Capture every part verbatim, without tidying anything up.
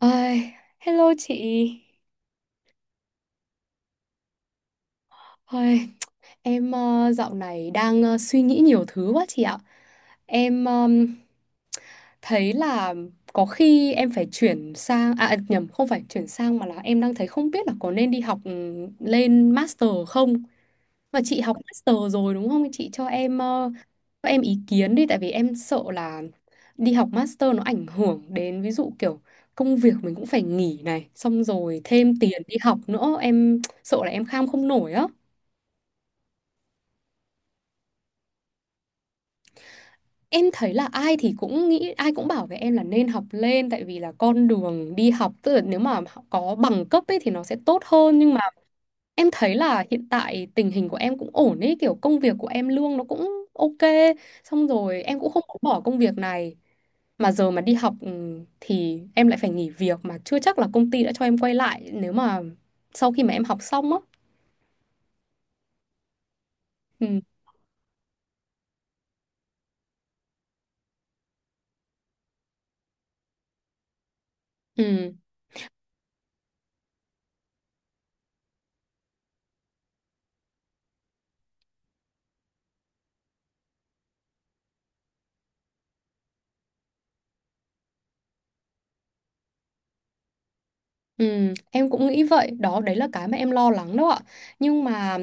Ai, hello chị. Ôi, em ờ, dạo này đang ờ, suy nghĩ nhiều thứ quá chị ạ. Em ờm, thấy là có khi em phải chuyển sang, à nhầm, không phải chuyển sang mà là em đang thấy không biết là có nên đi học ừ, lên master không. Mà chị học master rồi đúng không? Chị cho em ờ, cho em ý kiến đi, tại vì em sợ là đi học master nó ảnh hưởng đến ví dụ kiểu công việc mình cũng phải nghỉ này, xong rồi thêm tiền đi học nữa, em sợ là em kham không nổi á. Em thấy là ai thì cũng nghĩ, ai cũng bảo với em là nên học lên, tại vì là con đường đi học tức là nếu mà họ có bằng cấp ấy thì nó sẽ tốt hơn. Nhưng mà em thấy là hiện tại tình hình của em cũng ổn ấy, kiểu công việc của em lương nó cũng ok, xong rồi em cũng không có bỏ công việc này. Mà giờ mà đi học ừ, thì em lại phải nghỉ việc, mà chưa chắc là công ty đã cho em quay lại nếu mà sau khi mà em học xong á. Ừ, ừ, ừ, em cũng nghĩ vậy đó, đấy là cái mà em lo lắng đó ạ. Nhưng mà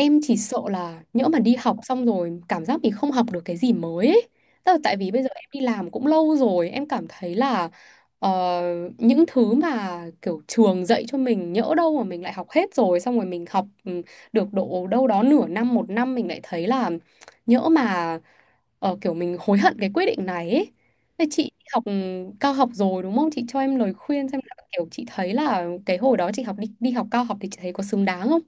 em chỉ sợ là nhỡ mà đi học xong rồi cảm giác mình không học được cái gì mới ấy. Tức là tại vì bây giờ em đi làm cũng lâu rồi, em cảm thấy là ờ, những thứ mà kiểu trường dạy cho mình nhỡ đâu mà mình lại học hết rồi, xong rồi mình học ừ, được độ đâu đó nửa năm, một năm mình lại thấy là nhỡ mà ờ, kiểu mình hối hận cái quyết định này ấy. Thế chị học ừ, cao học rồi đúng không? Chị cho em lời khuyên xem là kiểu chị thấy là cái hồi đó chị học đi đi học cao học thì chị thấy có xứng đáng không?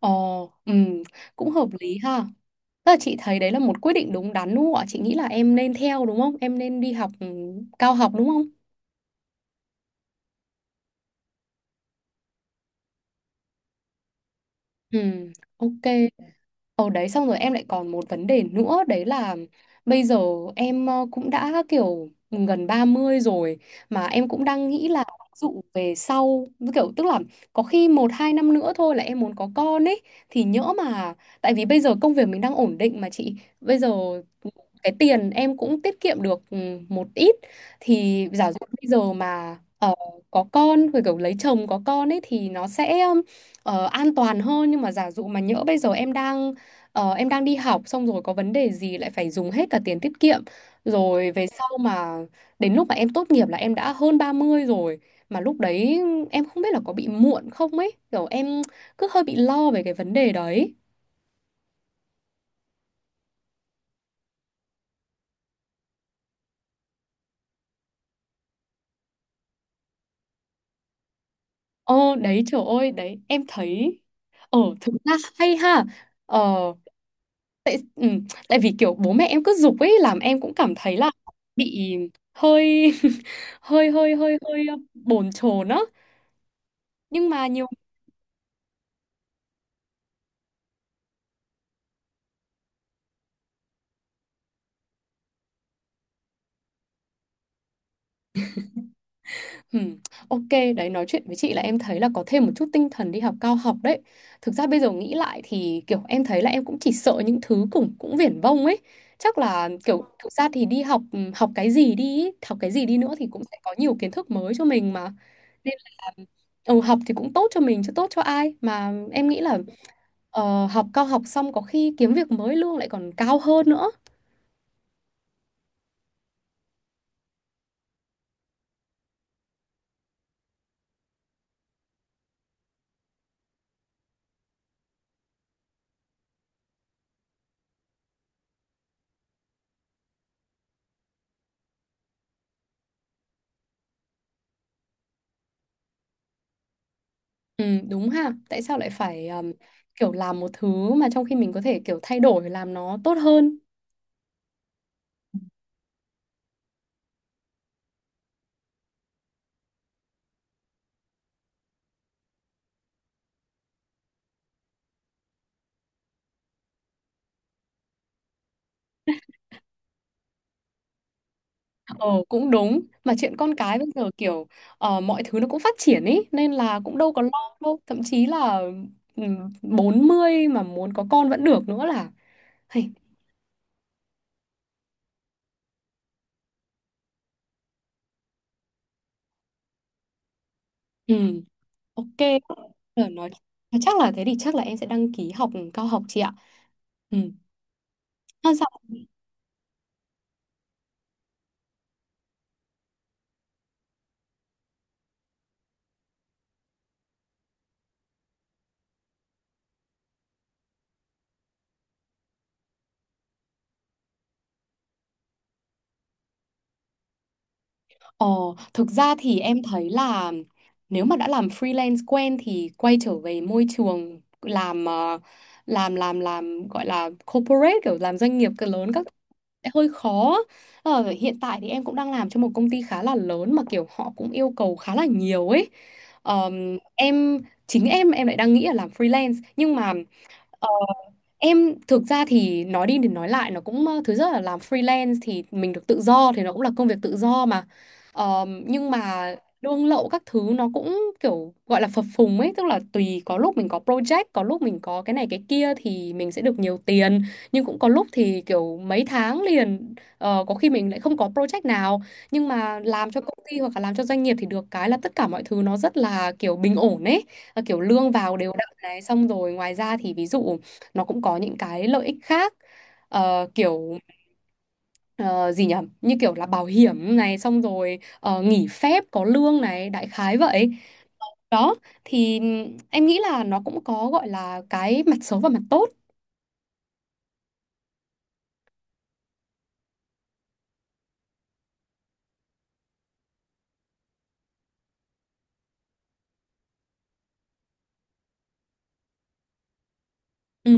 Ồ, ừm, cũng hợp lý ha. Tức là chị thấy đấy là một quyết định đúng đắn đúng không ạ? Chị nghĩ là em nên theo đúng không? Em nên đi học ừm, cao học đúng không? Ừ, ok. Ở đấy xong rồi em lại còn một vấn đề nữa, đấy là bây giờ em ờ, cũng đã kiểu gần ba mươi rồi, mà em cũng đang nghĩ là dụ về sau kiểu tức là có khi một hai năm nữa thôi là em muốn có con ấy, thì nhỡ mà tại vì bây giờ công việc mình đang ổn định mà chị. Bây giờ cái tiền em cũng tiết kiệm được ừ, một ít, thì giả dụ bây giờ mà ờ, có con rồi kiểu lấy chồng có con ấy thì nó sẽ ờ, an toàn hơn. Nhưng mà giả dụ mà nhỡ bây giờ em đang Ờ, em đang đi học xong rồi có vấn đề gì lại phải dùng hết cả tiền tiết kiệm, rồi về sau mà đến lúc mà em tốt nghiệp là em đã hơn ba mươi rồi, mà lúc đấy em không biết là có bị muộn không ấy kiểu em cứ hơi bị lo về cái vấn đề đấy. Ờ đấy, trời ơi, đấy em thấy. Ờ, thực ra hay ha. Ờ ừ, Tại vì kiểu bố mẹ em cứ giục ấy làm em cũng cảm thấy là bị hơi hơi hơi hơi hơi ờ, bồn chồn á, nhưng mà nhiều. Ừm, ok, đấy, nói chuyện với chị là em thấy là có thêm một chút tinh thần đi học cao học đấy. Thực ra bây giờ nghĩ lại thì kiểu em thấy là em cũng chỉ sợ những thứ cũng cũng viển vông ấy. Chắc là kiểu thực ra thì đi học ừm, học cái gì đi, ý, học cái gì đi nữa thì cũng sẽ có nhiều kiến thức mới cho mình mà. Nên là ừ, học thì cũng tốt cho mình chứ tốt cho ai mà em nghĩ là ờ, học cao học xong có khi kiếm việc mới lương lại còn cao hơn nữa. Ừ, đúng ha. Tại sao lại phải um, kiểu làm một thứ mà trong khi mình có thể kiểu thay đổi làm nó tốt hơn. Ờ, cũng đúng. Mà chuyện con cái bây giờ kiểu ờ, mọi thứ nó cũng phát triển ý nên là cũng đâu có lo đâu. Thậm chí là um, bốn mươi mà muốn có con vẫn được nữa là. Hey. Ừ, ok. Rồi nói chắc là thế thì chắc là em sẽ đăng ký học cao học chị ạ. Ừ. Sao? Ờ, thực ra thì em thấy là nếu mà đã làm freelance quen thì quay trở về môi trường làm ờ, làm làm làm gọi là corporate kiểu làm doanh nghiệp cỡ lớn các sẽ hơi khó. Ờ, hiện tại thì em cũng đang làm cho một công ty khá là lớn mà kiểu họ cũng yêu cầu khá là nhiều ấy. Ờm, em chính em em lại đang nghĩ là làm freelance, nhưng mà em thực ra thì nói đi thì nói lại nó cũng ờ, thứ nhất là làm freelance thì mình được tự do thì nó cũng là công việc tự do mà. Ờ, nhưng mà lương lậu các thứ nó cũng kiểu gọi là phập phùng ấy, tức là tùy có lúc mình có project có lúc mình có cái này cái kia thì mình sẽ được nhiều tiền, nhưng cũng có lúc thì kiểu mấy tháng liền ờ, có khi mình lại không có project nào. Nhưng mà làm cho công ty hoặc là làm cho doanh nghiệp thì được cái là tất cả mọi thứ nó rất là kiểu bình ổn ấy. Ờ, kiểu lương vào đều đặn này xong rồi ngoài ra thì ví dụ nó cũng có những cái lợi ích khác. Ờ, kiểu ờ, gì nhỉ, như kiểu là bảo hiểm này xong rồi ờ, nghỉ phép có lương này đại khái vậy đó, thì em nghĩ là nó cũng có gọi là cái mặt xấu và mặt tốt. Ừ.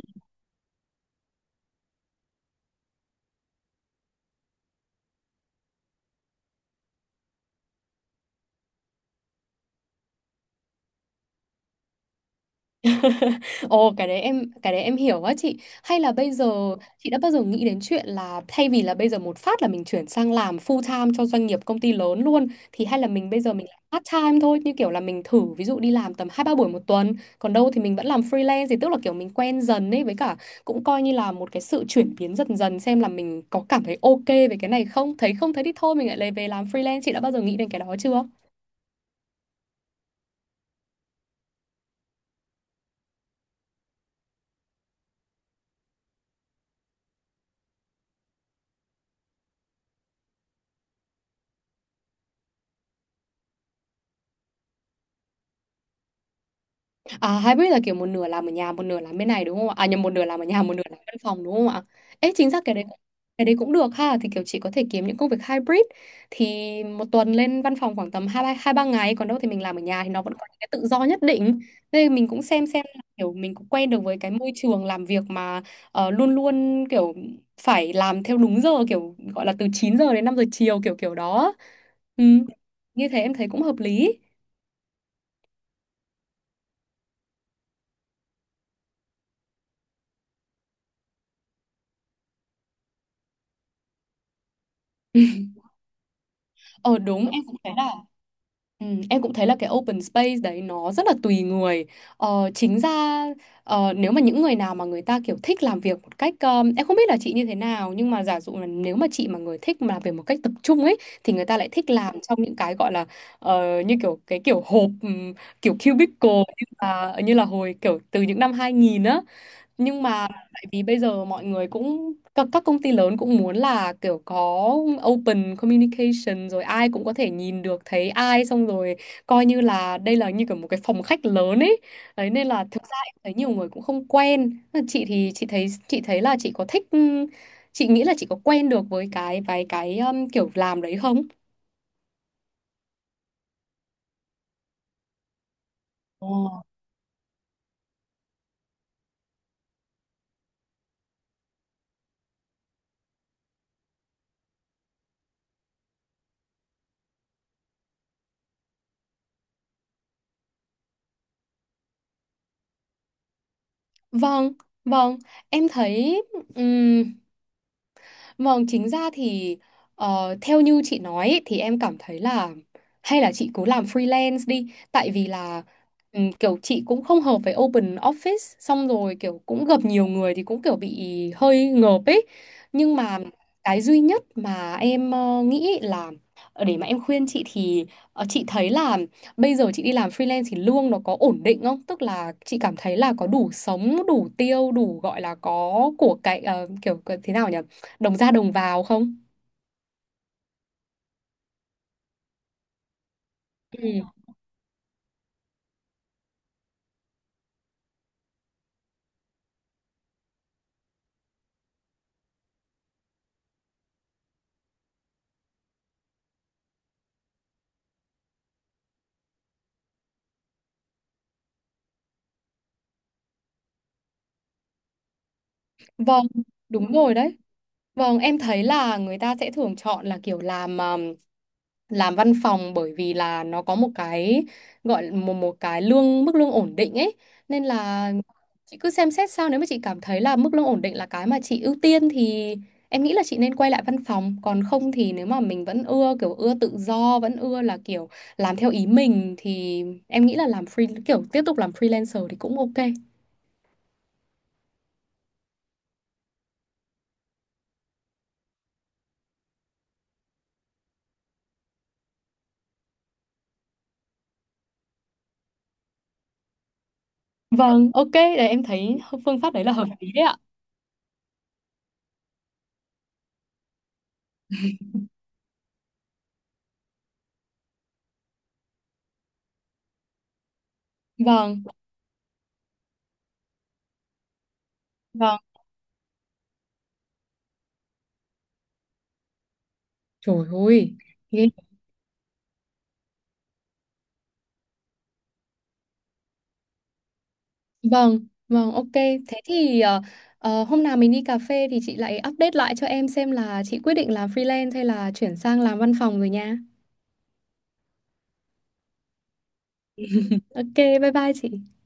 Ồ, cái đấy em cái đấy em hiểu á chị. Hay là bây giờ chị đã bao giờ nghĩ đến chuyện là, thay vì là bây giờ một phát là mình chuyển sang làm full time cho doanh nghiệp công ty lớn luôn, thì hay là mình bây giờ mình làm part time thôi, như kiểu là mình thử ví dụ đi làm tầm hai ba buổi một tuần, còn đâu thì mình vẫn làm freelance, thì tức là kiểu mình quen dần ấy, với cả cũng coi như là một cái sự chuyển biến dần dần xem là mình có cảm thấy ok về cái này không, thấy không thấy thì thôi mình lại lấy về làm freelance. Chị đã bao giờ nghĩ đến cái đó chưa? À, hybrid là kiểu một nửa làm ở nhà, một nửa làm bên này đúng không ạ? À nhầm, một nửa làm ở nhà, một nửa làm văn phòng đúng không ạ? Ê, chính xác cái đấy, cái đấy cũng được ha. Thì kiểu chị có thể kiếm những công việc hybrid, thì một tuần lên văn phòng khoảng tầm hai ba hai ba ngày, còn đâu thì mình làm ở nhà thì nó vẫn có những cái tự do nhất định. Thế mình cũng xem xem là kiểu mình cũng quen được với cái môi trường làm việc mà ờ, luôn luôn kiểu phải làm theo đúng giờ kiểu gọi là từ chín giờ đến năm giờ chiều kiểu kiểu đó. Ừ, như thế em thấy cũng hợp lý. Ờ đúng, em cũng thấy là. Ừ, em cũng thấy là cái open space đấy nó rất là tùy người. Ờ, chính ra ờ, nếu mà những người nào mà người ta kiểu thích làm việc một cách um, em không biết là chị như thế nào, nhưng mà giả dụ là nếu mà chị mà người thích mà làm việc một cách tập trung ấy thì người ta lại thích làm trong những cái gọi là ờ, như kiểu cái kiểu hộp ừm, kiểu cubicle như là như là hồi kiểu từ những năm hai nghìn á. Nhưng mà tại vì bây giờ mọi người cũng các, các công ty lớn cũng muốn là kiểu có open communication, rồi ai cũng có thể nhìn được thấy ai xong rồi coi như là đây là như kiểu một cái phòng khách lớn ấy đấy, nên là thực ra em thấy nhiều người cũng không quen. Chị thì chị thấy chị thấy là chị có thích, chị nghĩ là chị có quen được với cái vài cái um, kiểu làm đấy không? Ồ. Vâng, vâng, em thấy ừm, Vâng, chính ra thì ờ, theo như chị nói ý, thì em cảm thấy là hay là chị cứ làm freelance đi, tại vì là ừm, kiểu chị cũng không hợp với open office, xong rồi kiểu cũng gặp nhiều người thì cũng kiểu bị hơi ngợp ấy. Nhưng mà cái duy nhất mà em ờ, nghĩ là ờ, để mà em khuyên chị thì ờ, chị thấy là bây giờ chị đi làm freelance thì lương nó có ổn định không? Tức là chị cảm thấy là có đủ sống, đủ tiêu, đủ gọi là có của cải ờ, kiểu thế nào nhỉ, đồng ra đồng vào không? Ừ. Vâng, đúng rồi đấy. Vâng, em thấy là người ta sẽ thường chọn là kiểu làm um, làm văn phòng bởi vì là nó có một cái gọi là một một cái lương mức lương ổn định ấy. Nên là chị cứ xem xét, sao nếu mà chị cảm thấy là mức lương ổn định là cái mà chị ưu tiên thì em nghĩ là chị nên quay lại văn phòng, còn không thì nếu mà mình vẫn ưa kiểu ưa tự do, vẫn ưa là kiểu làm theo ý mình thì em nghĩ là làm free kiểu tiếp tục làm freelancer thì cũng ok. Vâng, ok, để em thấy phương pháp đấy là hợp lý đấy ạ. Vâng, vâng. Trời ơi, ghê. Vâng, vâng, ok. Thế thì ờ, ờ, hôm nào mình đi cà phê thì chị lại update lại cho em xem là chị quyết định làm freelance hay là chuyển sang làm văn phòng rồi nha. Ok, bye bye chị.